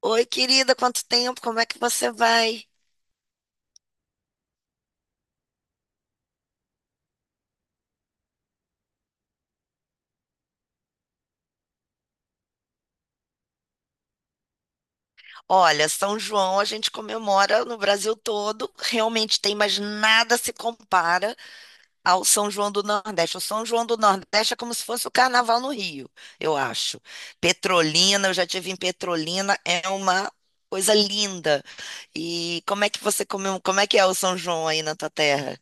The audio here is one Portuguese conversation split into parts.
Oi, querida, quanto tempo? Como é que você vai? Olha, São João a gente comemora no Brasil todo, realmente tem, mas nada se compara ao São João do Nordeste. O São João do Nordeste é como se fosse o carnaval no Rio, eu acho. Petrolina, eu já tive em Petrolina, é uma coisa linda. E como é que você como é que é o São João aí na tua terra?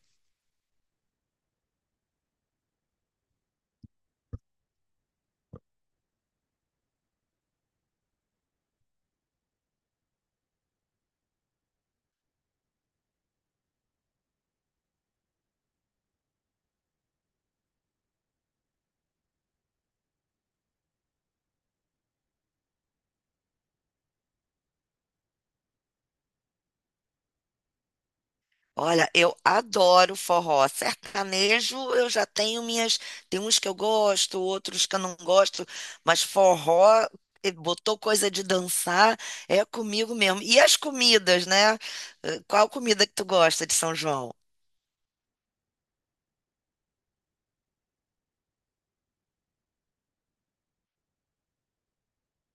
Olha, eu adoro forró. Sertanejo, eu já tenho minhas. Tem uns que eu gosto, outros que eu não gosto, mas forró, botou coisa de dançar, é comigo mesmo. E as comidas, né? Qual comida que tu gosta de São João?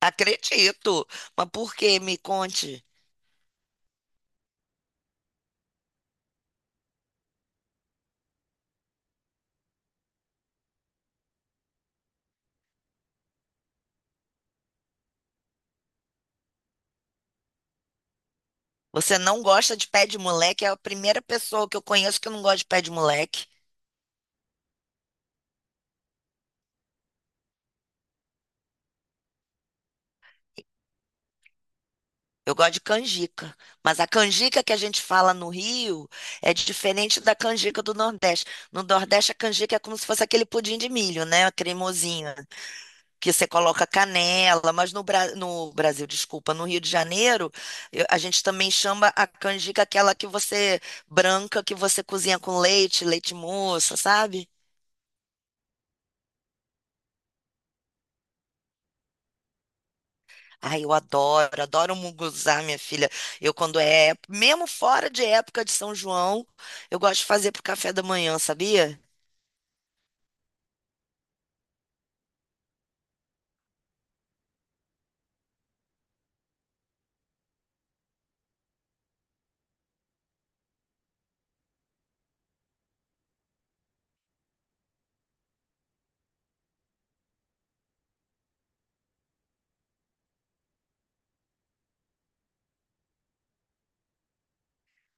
Acredito. Mas por quê? Me conte. Você não gosta de pé de moleque? É a primeira pessoa que eu conheço que não gosta de pé de moleque. Eu gosto de canjica. Mas a canjica que a gente fala no Rio é diferente da canjica do Nordeste. No Nordeste, a canjica é como se fosse aquele pudim de milho, né? Cremosinho. Que você coloca canela. Mas no Brasil, desculpa, no Rio de Janeiro, a gente também chama a canjica aquela que você branca, que você cozinha com leite, leite moça, sabe? Ai, adoro munguzá, minha filha. Eu, mesmo fora de época de São João, eu gosto de fazer pro café da manhã, sabia?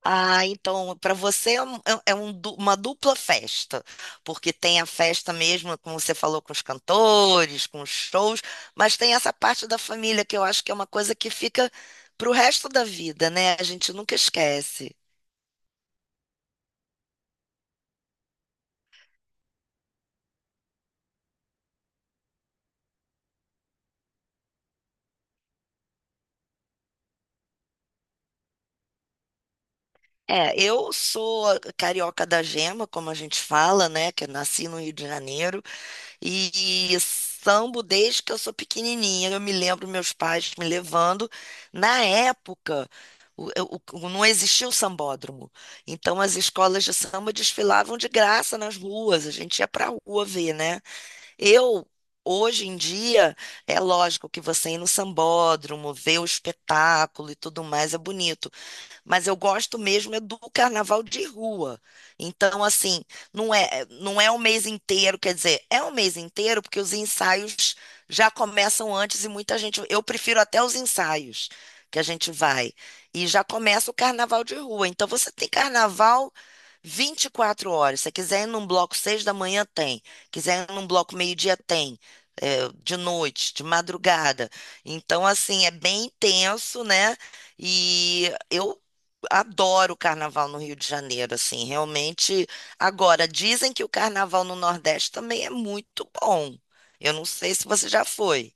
Ah, então, para você é, um- é- é um uma dupla festa, porque tem a festa mesmo, como você falou, com os cantores, com os shows, mas tem essa parte da família que eu acho que é uma coisa que fica pro resto da vida, né? A gente nunca esquece. É, eu sou carioca da gema, como a gente fala, né? Que eu nasci no Rio de Janeiro. E sambo desde que eu sou pequenininha. Eu me lembro meus pais me levando. Na época, não existia o sambódromo. Então, as escolas de samba desfilavam de graça nas ruas. A gente ia pra rua ver, né? Eu. Hoje em dia, é lógico que você ir no sambódromo, ver o espetáculo e tudo mais é bonito, mas eu gosto mesmo é do carnaval de rua. Então, assim, não é o mês inteiro, quer dizer, é o mês inteiro porque os ensaios já começam antes e muita gente, eu prefiro até os ensaios que a gente vai. E já começa o carnaval de rua. Então, você tem carnaval 24 horas. Se quiser ir num bloco 6 da manhã, tem. Quiser ir num bloco meio-dia, tem. É, de noite, de madrugada. Então, assim, é bem intenso, né? E eu adoro o carnaval no Rio de Janeiro, assim, realmente. Agora, dizem que o carnaval no Nordeste também é muito bom. Eu não sei se você já foi.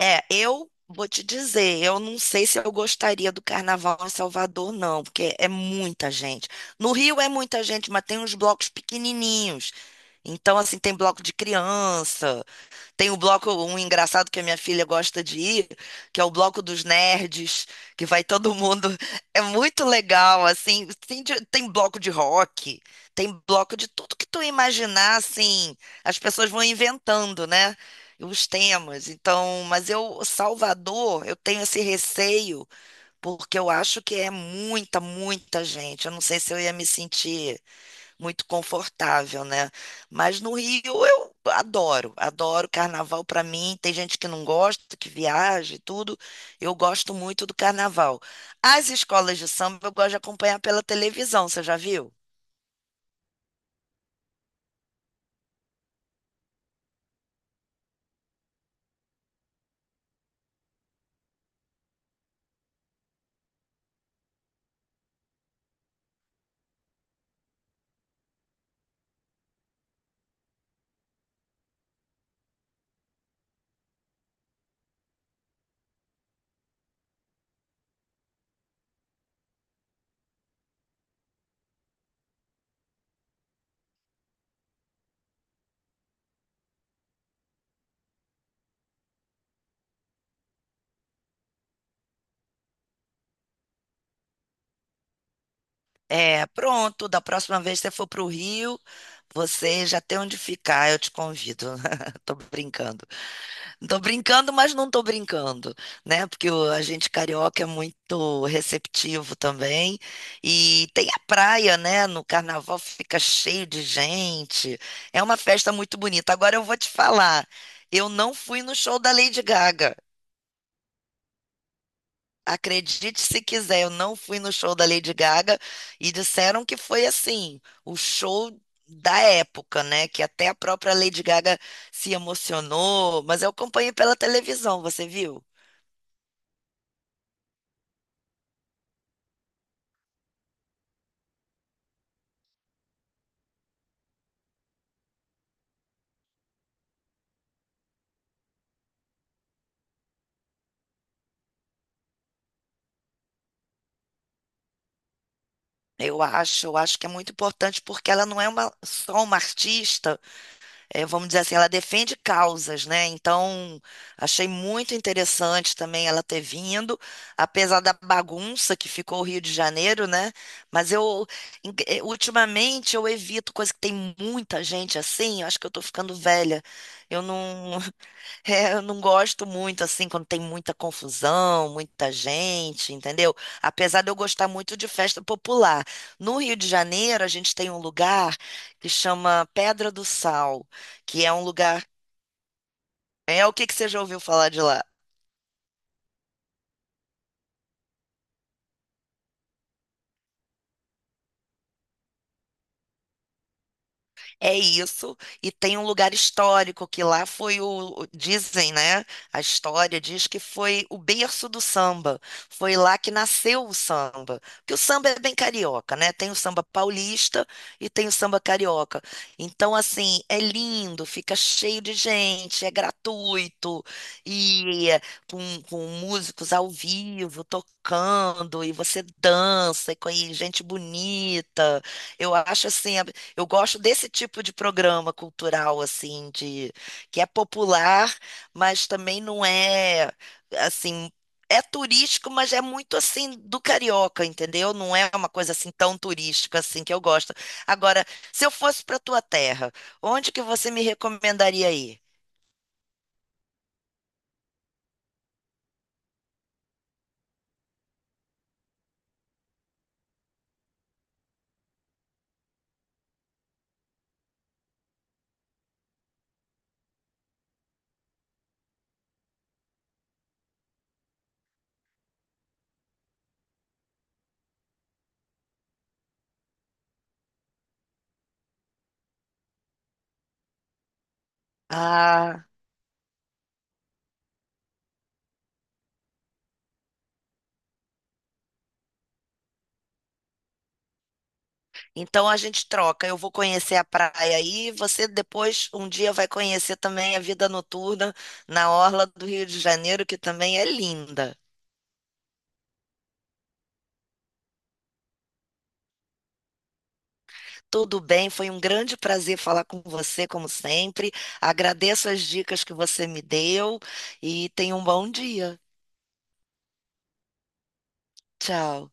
É, eu vou te dizer, eu não sei se eu gostaria do carnaval em Salvador, não, porque é muita gente. No Rio é muita gente, mas tem uns blocos pequenininhos. Então, assim, tem bloco de criança, tem o bloco, um engraçado que a minha filha gosta de ir, que é o bloco dos nerds, que vai todo mundo. É muito legal, assim. Tem bloco de rock, tem bloco de tudo que tu imaginar, assim. As pessoas vão inventando, né? Os temas. Então, mas eu, Salvador, eu tenho esse receio, porque eu acho que é muita gente. Eu não sei se eu ia me sentir muito confortável, né? Mas no Rio eu adoro carnaval para mim. Tem gente que não gosta, que viaja e tudo. Eu gosto muito do carnaval. As escolas de samba eu gosto de acompanhar pela televisão, você já viu? É, pronto, da próxima vez que você for para o Rio, você já tem onde ficar, eu te convido. Tô brincando. Tô brincando, mas não tô brincando, né? Porque a gente carioca é muito receptivo também. E tem a praia, né? No carnaval fica cheio de gente. É uma festa muito bonita. Agora eu vou te falar, eu não fui no show da Lady Gaga. Acredite se quiser, eu não fui no show da Lady Gaga e disseram que foi assim, o show da época, né? Que até a própria Lady Gaga se emocionou, mas eu acompanhei pela televisão, você viu? Eu acho que é muito importante porque ela não é só uma artista, vamos dizer assim, ela defende causas, né? Então, achei muito interessante também ela ter vindo, apesar da bagunça que ficou o Rio de Janeiro, né? Mas eu, ultimamente, eu evito coisa que tem muita gente assim, eu acho que eu tô ficando velha. Eu não. É, eu não gosto muito assim quando tem muita confusão, muita gente, entendeu? Apesar de eu gostar muito de festa popular. No Rio de Janeiro, a gente tem um lugar que chama Pedra do Sal, que é um lugar. É o que que você já ouviu falar de lá? É isso, e tem um lugar histórico que lá foi dizem, né? A história diz que foi o berço do samba. Foi lá que nasceu o samba. Porque o samba é bem carioca, né? Tem o samba paulista e tem o samba carioca. Então, assim, é lindo, fica cheio de gente, é gratuito e é com músicos ao vivo tocando e você dança e com e gente bonita. Eu acho assim eu gosto desse tipo de programa cultural, assim, de que é popular, mas também não é assim, é turístico, mas é muito assim do carioca, entendeu? Não é uma coisa assim tão turística assim que eu gosto. Agora, se eu fosse para tua terra, onde que você me recomendaria ir? Ah, então a gente troca. Eu vou conhecer a praia aí, você depois um dia vai conhecer também a vida noturna na orla do Rio de Janeiro, que também é linda. Tudo bem, foi um grande prazer falar com você, como sempre. Agradeço as dicas que você me deu e tenha um bom dia. Tchau.